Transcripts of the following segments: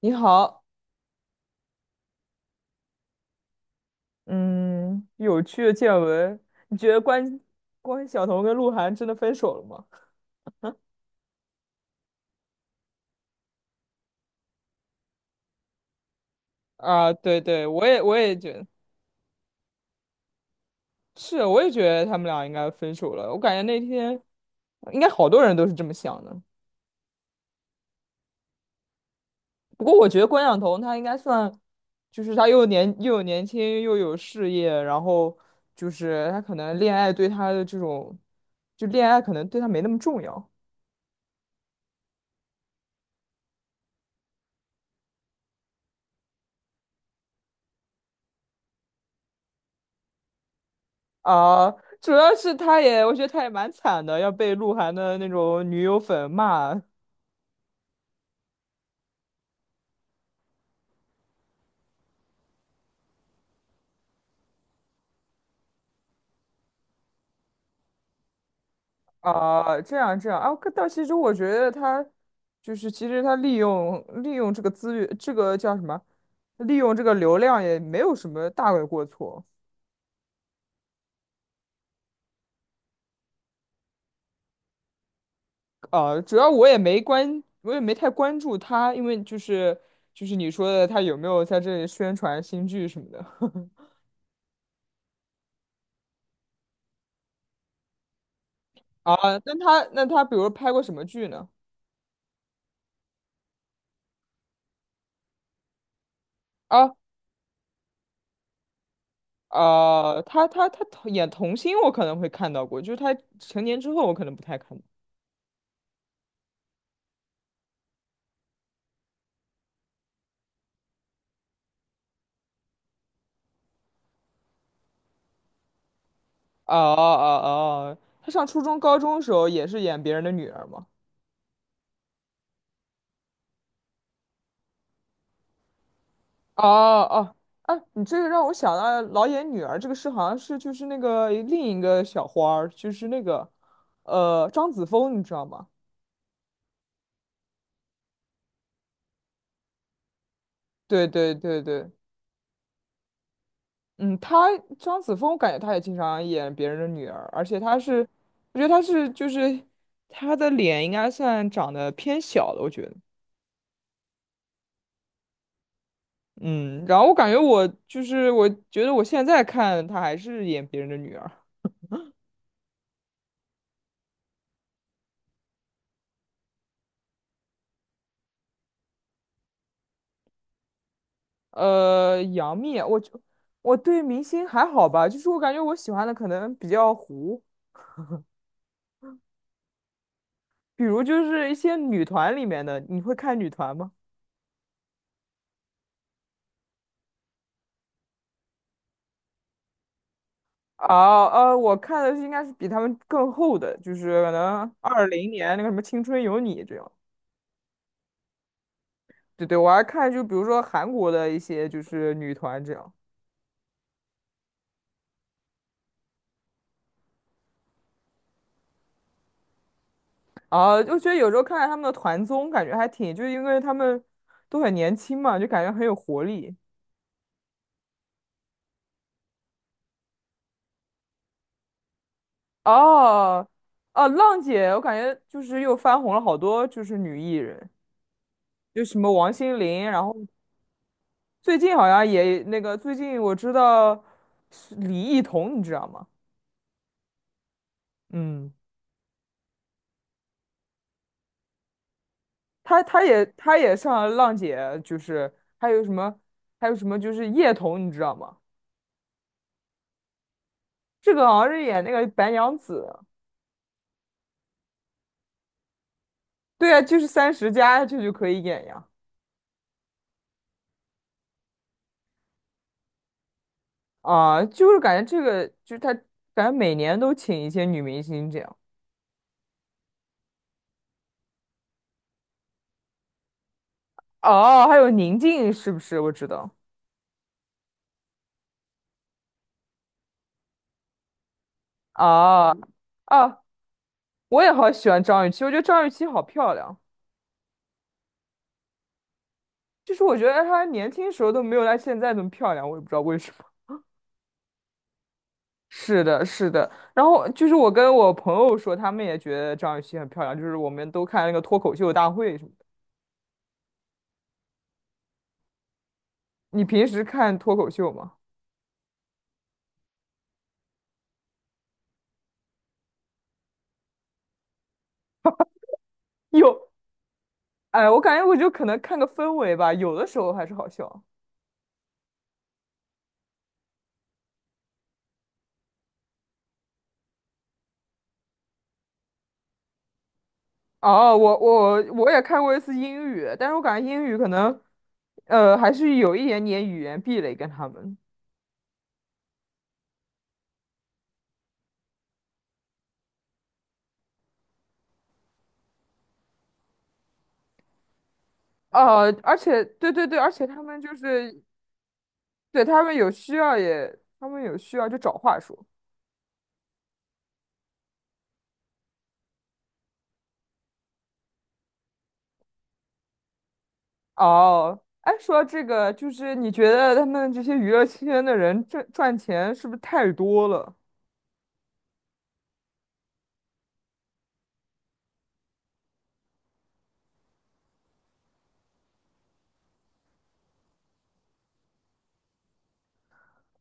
你好，嗯，有趣的见闻，你觉得关晓彤跟鹿晗真的分手了吗？啊，对对，我也觉得是，我也觉得他们俩应该分手了。我感觉那天应该好多人都是这么想的。不过我觉得关晓彤她应该算，就是她又有年轻又有事业，然后就是她可能恋爱对她的这种，就恋爱可能对她没那么重要。啊，主要是他也，我觉得他也蛮惨的，要被鹿晗的那种女友粉骂。啊，这样这样啊，可但其实我觉得他就是其实他利用这个资源，这个叫什么？利用这个流量也没有什么大的过错。啊，主要我也没关，我也没太关注他，因为就是你说的他有没有在这里宣传新剧什么的。 啊？那他比如拍过什么剧呢？啊？啊、他演童星，我可能会看到过，就是他成年之后，我可能不太看到。哦哦哦，他上初中、高中的时候也是演别人的女儿嘛。哦哦，哎、你这个让我想到老演女儿这个事，好像是就是那个另一个小花儿，就是那个张子枫，你知道吗？对对对对，嗯，他张子枫，我感觉他也经常演别人的女儿，而且他是，我觉得他是就是他的脸应该算长得偏小的，我觉得。嗯，然后我感觉我就是我觉得我现在看她还是演别人的女儿。杨幂，我对明星还好吧，就是我感觉我喜欢的可能比较糊，比如就是一些女团里面的，你会看女团吗？啊，我看的是应该是比他们更后的，就是可能20年那个什么《青春有你》这样。对对，我还看就比如说韩国的一些就是女团这样。啊，就觉得有时候看看他们的团综，感觉还挺，就是因为他们都很年轻嘛，就感觉很有活力。哦，哦，浪姐，我感觉就是又翻红了好多，就是女艺人，就什么王心凌，然后最近好像也那个，最近我知道是李艺彤，你知道吗？嗯，她也上了浪姐，就是还有什么还有什么就是叶童，你知道吗？这个好像是演那个白娘子，对啊，就是30+这就可以演呀。啊，就是感觉这个，就是他感觉每年都请一些女明星这样。哦，还有宁静是不是？我知道。啊啊，我也好喜欢张雨绮，我觉得张雨绮好漂亮。就是我觉得她年轻时候都没有她现在那么漂亮，我也不知道为什么。是的，是的。然后就是我跟我朋友说，他们也觉得张雨绮很漂亮，就是我们都看那个脱口秀大会什么的。你平时看脱口秀吗？有，哎，我感觉我就可能看个氛围吧，有的时候还是好笑。哦，我也看过一次英语，但是我感觉英语可能，还是有一点点语言壁垒跟他们。而且对对对，而且他们就是对他们有需要也，他们有需要就找话说。哦，哎，说到这个，就是你觉得他们这些娱乐圈的人赚钱是不是太多了？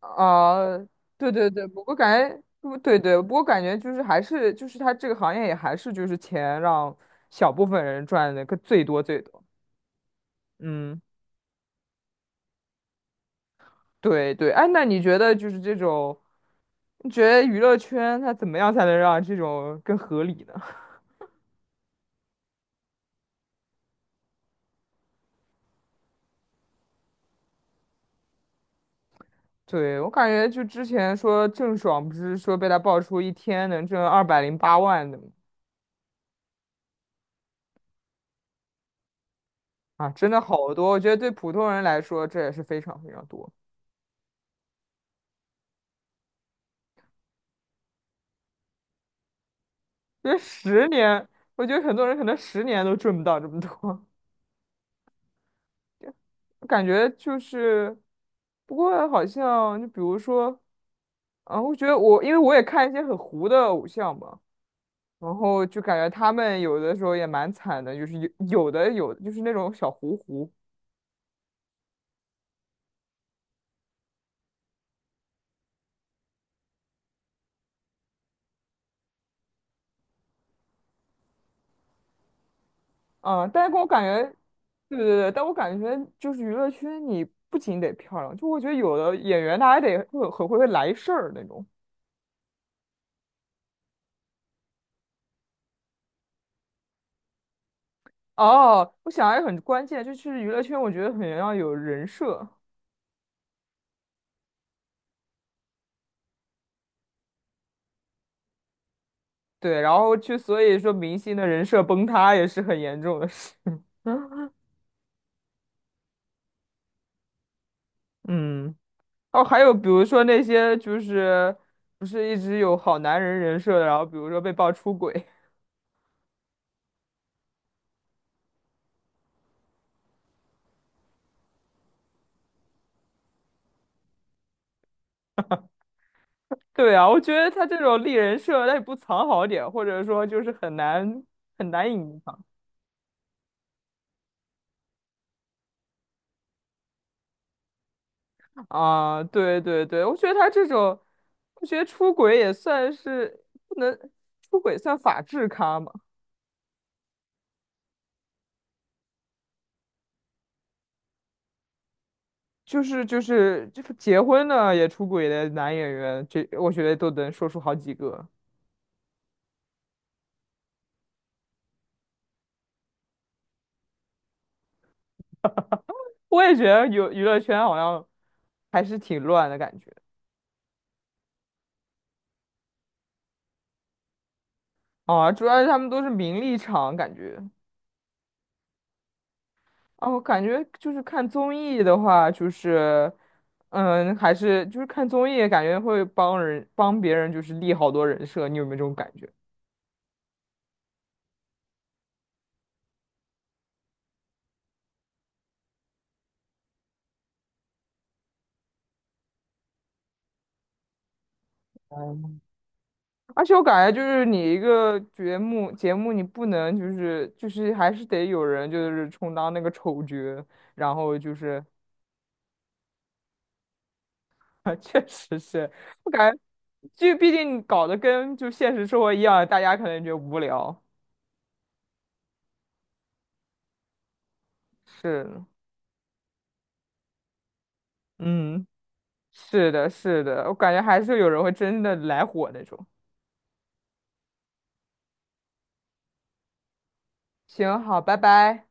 啊，对对对，不过感觉不对对，不过感觉就是还是就是他这个行业也还是就是钱让小部分人赚的个最多最多。嗯，对对，哎，那你觉得就是这种，你觉得娱乐圈它怎么样才能让这种更合理呢？对，我感觉就之前说郑爽不是说被他爆出一天能挣208万的吗？啊，真的好多，我觉得对普通人来说这也是非常非常多。因为十年，我觉得很多人可能十年都赚不到这么多，感觉就是，不过好像就比如说，啊，我觉得因为我也看一些很糊的偶像嘛，然后就感觉他们有的时候也蛮惨的，就是有就是那种小糊糊，啊，但是给我感觉，对对对，但我感觉就是娱乐圈你不仅得漂亮，就我觉得有的演员他还得会很会来事儿那种。哦，我想还有很关键，就是娱乐圈，我觉得很要有人设，对，然后就所以说明星的人设崩塌也是很严重的事。嗯，哦，还有比如说那些就是不是一直有好男人人设的，然后比如说被爆出轨，对啊，我觉得他这种立人设，他也不藏好点，或者说就是很难很难隐藏啊。对对对，我觉得他这种，我觉得出轨也算是不能出轨算法制咖就是结婚的也出轨的男演员，这我觉得都能说出好几个。我也觉得有娱乐圈好像还是挺乱的感觉啊，主要是他们都是名利场感觉啊，我感觉就是看综艺的话，就是还是就是看综艺感觉会帮别人就是立好多人设，你有没有这种感觉？而且我感觉就是你一个节目，你不能就是还是得有人就是充当那个丑角，然后就是 确实是我感觉，就毕竟你搞得跟就现实生活一样，大家可能觉得无聊。是，嗯，是的，是的，我感觉还是有人会真的来火那种。行，好，拜拜。